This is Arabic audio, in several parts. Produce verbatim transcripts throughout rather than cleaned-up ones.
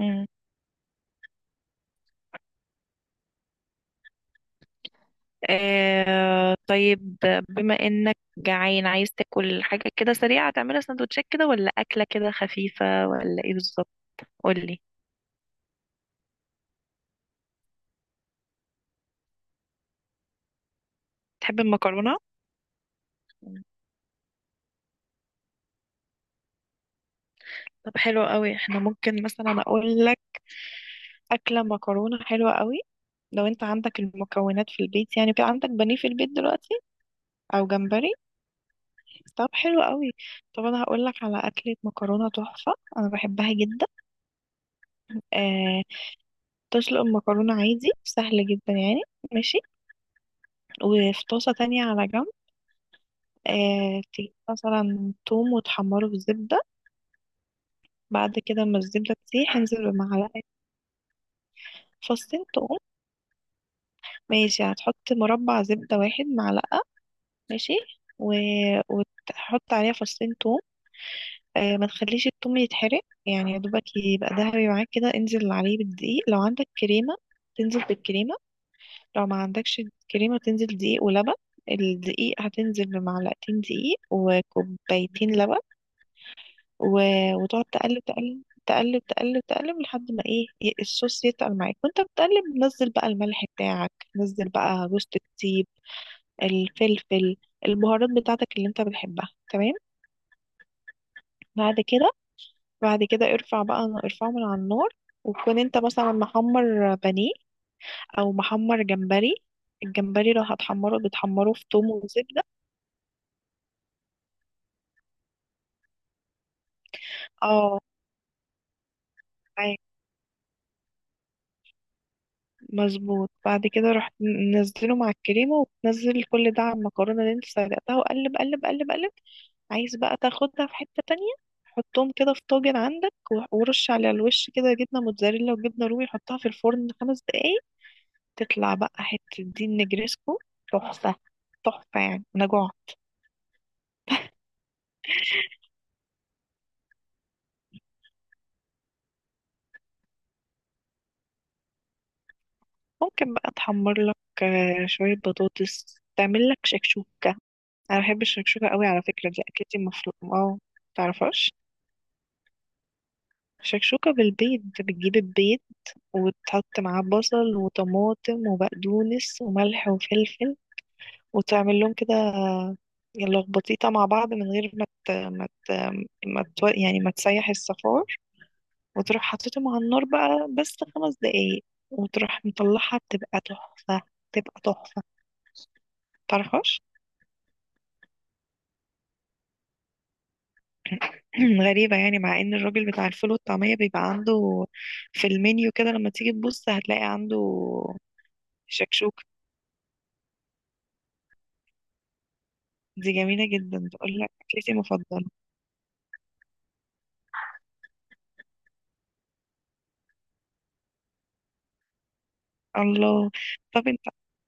مم. آه طيب، بما انك جعان عايز تاكل حاجة كده سريعة، تعملها سندوتشات كده ولا أكلة كده خفيفة ولا ايه بالظبط؟ قولي. تحب المكرونة؟ مم. طب حلو قوي، احنا ممكن مثلا اقول لك اكله مكرونه حلوه قوي. لو انت عندك المكونات في البيت، يعني في عندك بانيه في البيت دلوقتي او جمبري. طب حلو قوي. طب انا هقول لك على اكله مكرونه تحفه، انا بحبها جدا. آه، تسلق المكرونه عادي سهل جدا يعني. ماشي. وفي طاسة تانية على جنب، آه تجيب مثلا توم وتحمره في زبدة. بعد كده ما الزبدة تسيح انزل بمعلقة، فصين توم. ماشي، هتحط مربع زبدة واحد معلقة. ماشي. و... وتحط عليها فصين توم. آه ما تخليش التوم يتحرق، يعني يا دوبك يبقى دهبي معاك كده، انزل عليه بالدقيق. لو عندك كريمة تنزل بالكريمة، لو ما عندكش كريمة تنزل دقيق ولبن. الدقيق هتنزل بمعلقتين دقيق وكوبايتين لبن. و... وتقعد تقلب تقلب تقلب تقلب تقلب لحد ما ايه، ي- الصوص يتقل معاك. وانت بتقلب نزل بقى الملح بتاعك، نزل بقى جوزة الطيب، الفلفل، البهارات بتاعتك اللي انت بتحبها. تمام. بعد كده بعد كده ارفع بقى، ارفعه من على النار. وتكون انت مثلا محمر بانيه او محمر جمبري. الجمبري لو هتحمره بتحمره في توم وزبدة. اه مظبوط. بعد كده رحت منزله مع الكريمة وتنزل كل ده على المكرونة اللي انت سلقتها وقلب قلب قلب قلب. عايز بقى تاخدها في حتة تانية، حطهم كده في طاجن عندك و- ورش على الوش كده جبنة موتزاريلا وجبنة رومي، حطها في الفرن خمس دقايق. تطلع بقى حتة دي النجريسكو، تحفة. تحفة يعني أنا جوع. ممكن بقى تحمر لك آه، شوية بطاطس، تعمل لك شكشوكة. أنا بحب الشكشوكة قوي، على فكرة دي أكلتي المفروض. اه، متعرفهاش؟ شكشوكة بالبيض، انت بتجيب البيض وتحط معاه بصل وطماطم وبقدونس وملح وفلفل، وتعمل لهم كده لخبطيطة مع بعض من غير ما ت... ما ت... ما ت... يعني ما تسيح الصفار. وتروح حاططهم على النار بقى بس خمس دقايق، وتروح مطلعها بتبقى تحفة، تبقى تحفة. متعرفهاش؟ غريبة يعني، مع ان الراجل بتاع الفول والطعمية بيبقى عنده في المنيو كده، لما تيجي تبص هتلاقي عنده شكشوكة. دي جميلة جدا، تقول لك أكلتي المفضلة. الله. طب أنت،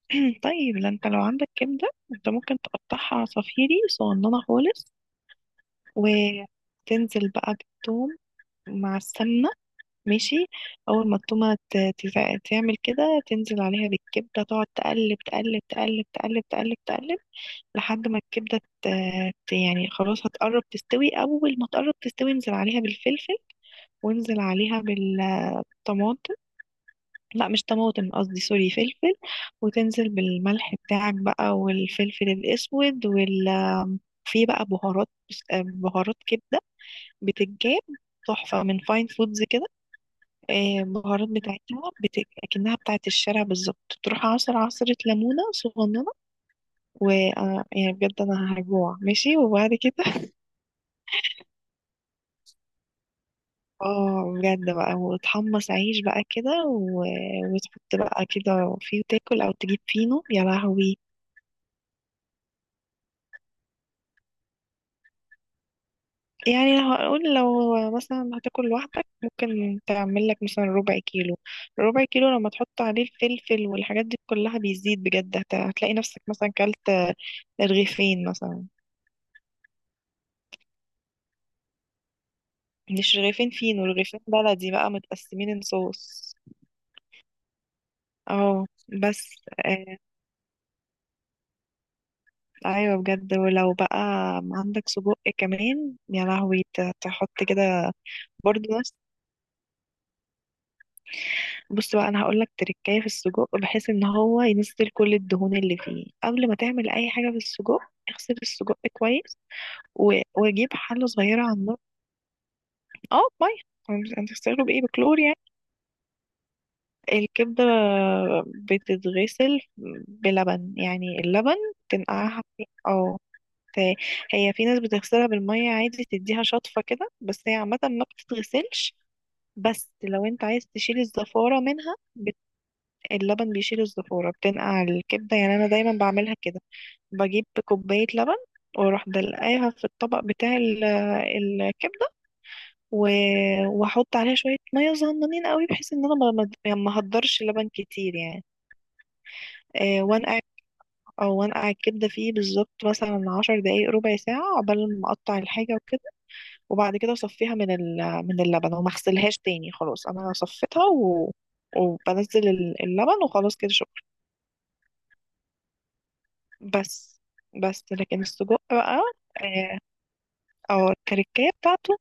طيب، لا أنت لو عندك كبدة أنت ممكن تقطعها عصافيري صغننة خالص، وتنزل بقى بالثوم مع السمنة. ماشي. أول ما التومة ت- تز- تعمل كده، تنزل عليها بالكبدة، تقعد تقلب تقلب تقلب تقلب تقلب تقلب لحد ما الكبدة ت- ت- يعني خلاص هتقرب تستوي. أول ما تقرب تستوي انزل عليها بالفلفل، وانزل عليها بالطماطم. لا مش طماطم، قصدي سوري فلفل. وتنزل بالملح بتاعك بقى، والفلفل الاسود، وال في بقى بهارات، بهارات كبده، بتتجاب تحفه من فاين فودز كده. آه، بهارات بتاعتها بت... اكنها بتاعت الشارع بالظبط. تروح عصر عصرة ليمونه صغننه، و آه، يعني بجد انا هجوع ماشي. وبعد كده اه بجد بقى، وتحمص عيش بقى كده و... وتحط بقى كده فيه، تاكل او تجيب فينو يا لهوي. يعني لو هقول لو مثلا هتاكل لوحدك، ممكن تعمل لك مثلا ربع كيلو. ربع كيلو لما تحط عليه الفلفل والحاجات دي كلها بيزيد بجد، هت- هتلاقي نفسك مثلا كلت رغيفين مثلا. مش رغيفين فينو، رغيفين بلدي بقى متقسمين صوص. اه. بس آه، ايوه بجد. ولو بقى عندك سجق كمان يا لهوي ت- تحط كده. برضه بص بقى، انا هقول لك تركايه في السجق بحيث ان هو ينزل كل الدهون اللي فيه قبل ما تعمل اي حاجه في السجق. اغسل السجق كويس و... وجيب حله صغيره على النار. اه ميه، هتغسله بايه بكلور يعني؟ الكبده بتتغسل بلبن، يعني اللبن تنقعها في اه ت- هي في ناس بتغسلها بالميه عادي، تديها شطفه كده، بس هي عامه ما بتتغسلش. بس لو انت عايز تشيل الزفاره منها، اللبن بيشيل الزفورة، بتنقع الكبدة يعني. أنا دايما بعملها كده، بجيب كوباية لبن، واروح دلقاها في الطبق بتاع ال- آه، الكبدة، و- واحط عليها شوية مية صغننين قوي بحيث ان انا ما ما- يعني ما اهدرش لبن كتير يعني. آه، وانقع، او وانقع الكبدة فيه بالظبط مثلا عشر دقايق ربع ساعة عقبال ما اقطع الحاجة وكده. وبعد كده اصفيها من ال- من اللبن، وما اغسلهاش تاني، خلاص انا صفيتها و... وبنزل ال- اللبن وخلاص كده. بس بس لكن السجق بقى اه، أو التركية بتاعته،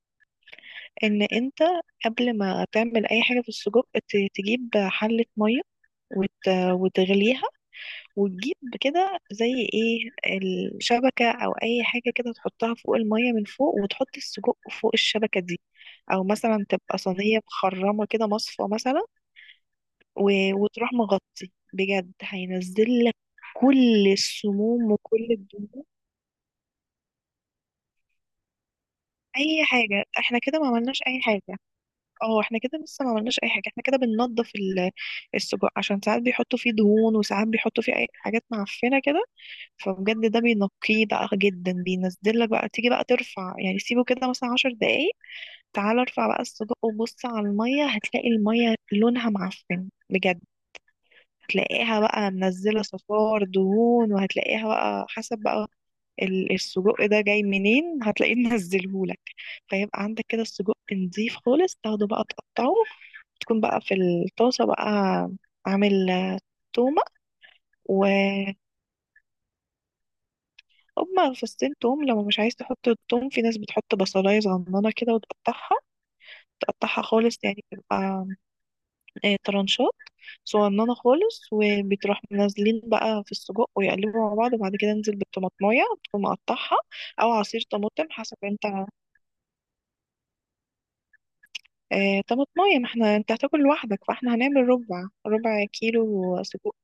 ان انت قبل ما تعمل اي حاجة في السجق ت- تجيب حلة مية وت... وتغليها. وتجيب كده زي ايه، الشبكة او اي حاجة كده تحطها فوق المية من فوق، وتحط السجق فوق الشبكة دي، او مثلا تبقى صينية مخرمة كده، مصفى مثلا. و... وتروح مغطي. بجد هينزل لك كل السموم وكل الدهون. اي حاجه، احنا كده ما عملناش اي حاجه. اه احنا كده لسه ما عملناش اي حاجه، احنا كده بننضف ال- السجق عشان ساعات بيحطوا فيه دهون، وساعات بيحطوا فيه اي حاجات معفنه كده. فبجد ده بينقيه بقى جدا، بينزل لك بقى. تيجي بقى ترفع، يعني سيبه كده مثلا عشر دقايق. تعال ارفع بقى السجق وبص على الميه، هتلاقي الميه لونها معفن بجد، هتلاقيها بقى منزلة صفار دهون، وهتلاقيها بقى حسب بقى ال- السجق ده جاي منين هتلاقيه منزلهولك. فيبقى عندك كده السجق نضيف خالص، تاخده بقى تقطعه، تكون بقى في الطاسة بقى عامل آه، تومة. و هما فصين توم، لو مش عايز تحط التوم في ناس بتحط بصلاية صغننة كده وتقطعها، تقطعها خالص يعني تبقى آه، طرنشات صغننة خالص. وبتروح منزلين بقى في السجق ويقلبوا مع بعض، وبعد كده انزل بالطماطماية تكون مقطعها، أو عصير طماطم حسب انت. آه، طماطماية، ما احنا انت هتاكل لوحدك فاحنا هنعمل ربع ربع كيلو سجق.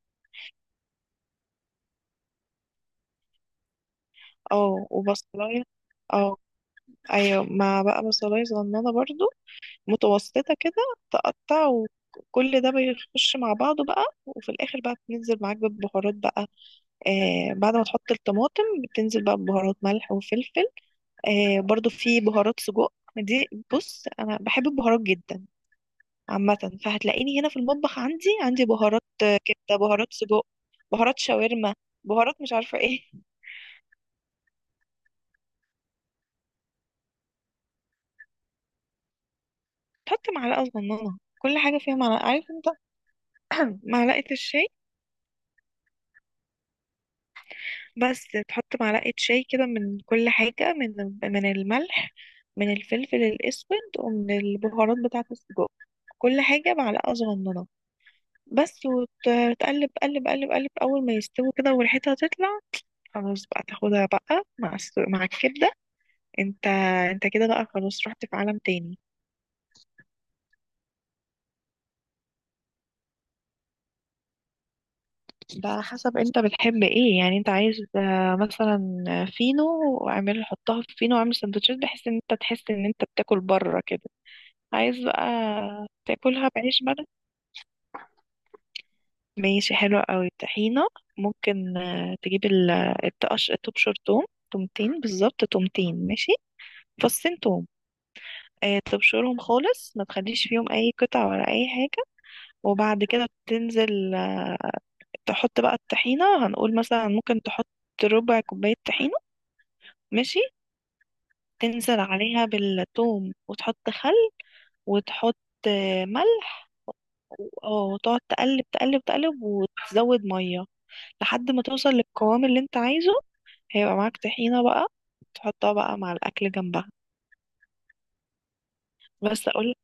اه وبصلاية. اه، ايوه مع بقى بصلاية صغننة برضو، متوسطة كده. تقطع، وكل ده بيخش مع بعضه بقى، وفي الآخر بقى بتنزل معاك بالبهارات بقى. آه بعد ما تحط الطماطم بتنزل بقى ببهارات ملح وفلفل. آه برضو في بهارات سجق دي. بص انا بحب البهارات جدا عامه، فهتلاقيني هنا في المطبخ عندي عندي بهارات آه، كبده، بهارات سجق، بهارات شاورما، بهارات مش عارفه ايه. تحط معلقه صغننه، كل حاجه فيها معلقه، عارف انت، معلقه الشاي. بس تحط معلقه شاي كده من كل حاجه، من من الملح، من الفلفل الاسود، ومن البهارات بتاعه السجق. كل حاجه معلقه صغننه بس. وتقلب قلب قلب قلب، اول ما يستوي كده وريحتها تطلع خلاص بقى، تاخدها بقى مع الس- مع الكبدة. انت انت كده بقى خلاص رحت في عالم تاني. ده على حسب انت بتحب ايه، يعني انت عايز آه، مثلا فينو، واعمل حطها في فينو واعمل سندوتشات بحيث ان انت تحس ان انت بتاكل بره كده. عايز بقى تاكلها بعيش بلد. ماشي، حلو قوي. طحينة، ممكن آه، تجيب ال- التقش، تبشر توم، تومتين بالظبط تومتين. ماشي، فصين توم. آه، تبشرهم خالص ما تخليش فيهم اي قطع ولا اي حاجة. وبعد كده تنزل آه، تحط بقى الطحينة. هنقول مثلا ممكن تحط ربع كوباية طحينة. ماشي. تنزل عليها بالثوم، وتحط خل، وتحط آه، ملح. و- اه وتقعد تقلب تقلب تقلب وتزود مية لحد ما توصل للقوام اللي انت عايزه. هيبقى معاك طحينة بقى، تحطها بقى مع الأكل جنبها. بس أقول،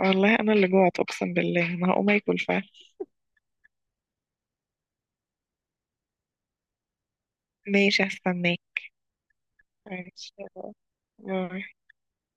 والله انا اللي جوعت اقسم بالله انا هقوم اكل فعلا. ماشي، هستناك. ماشي يلا. باي.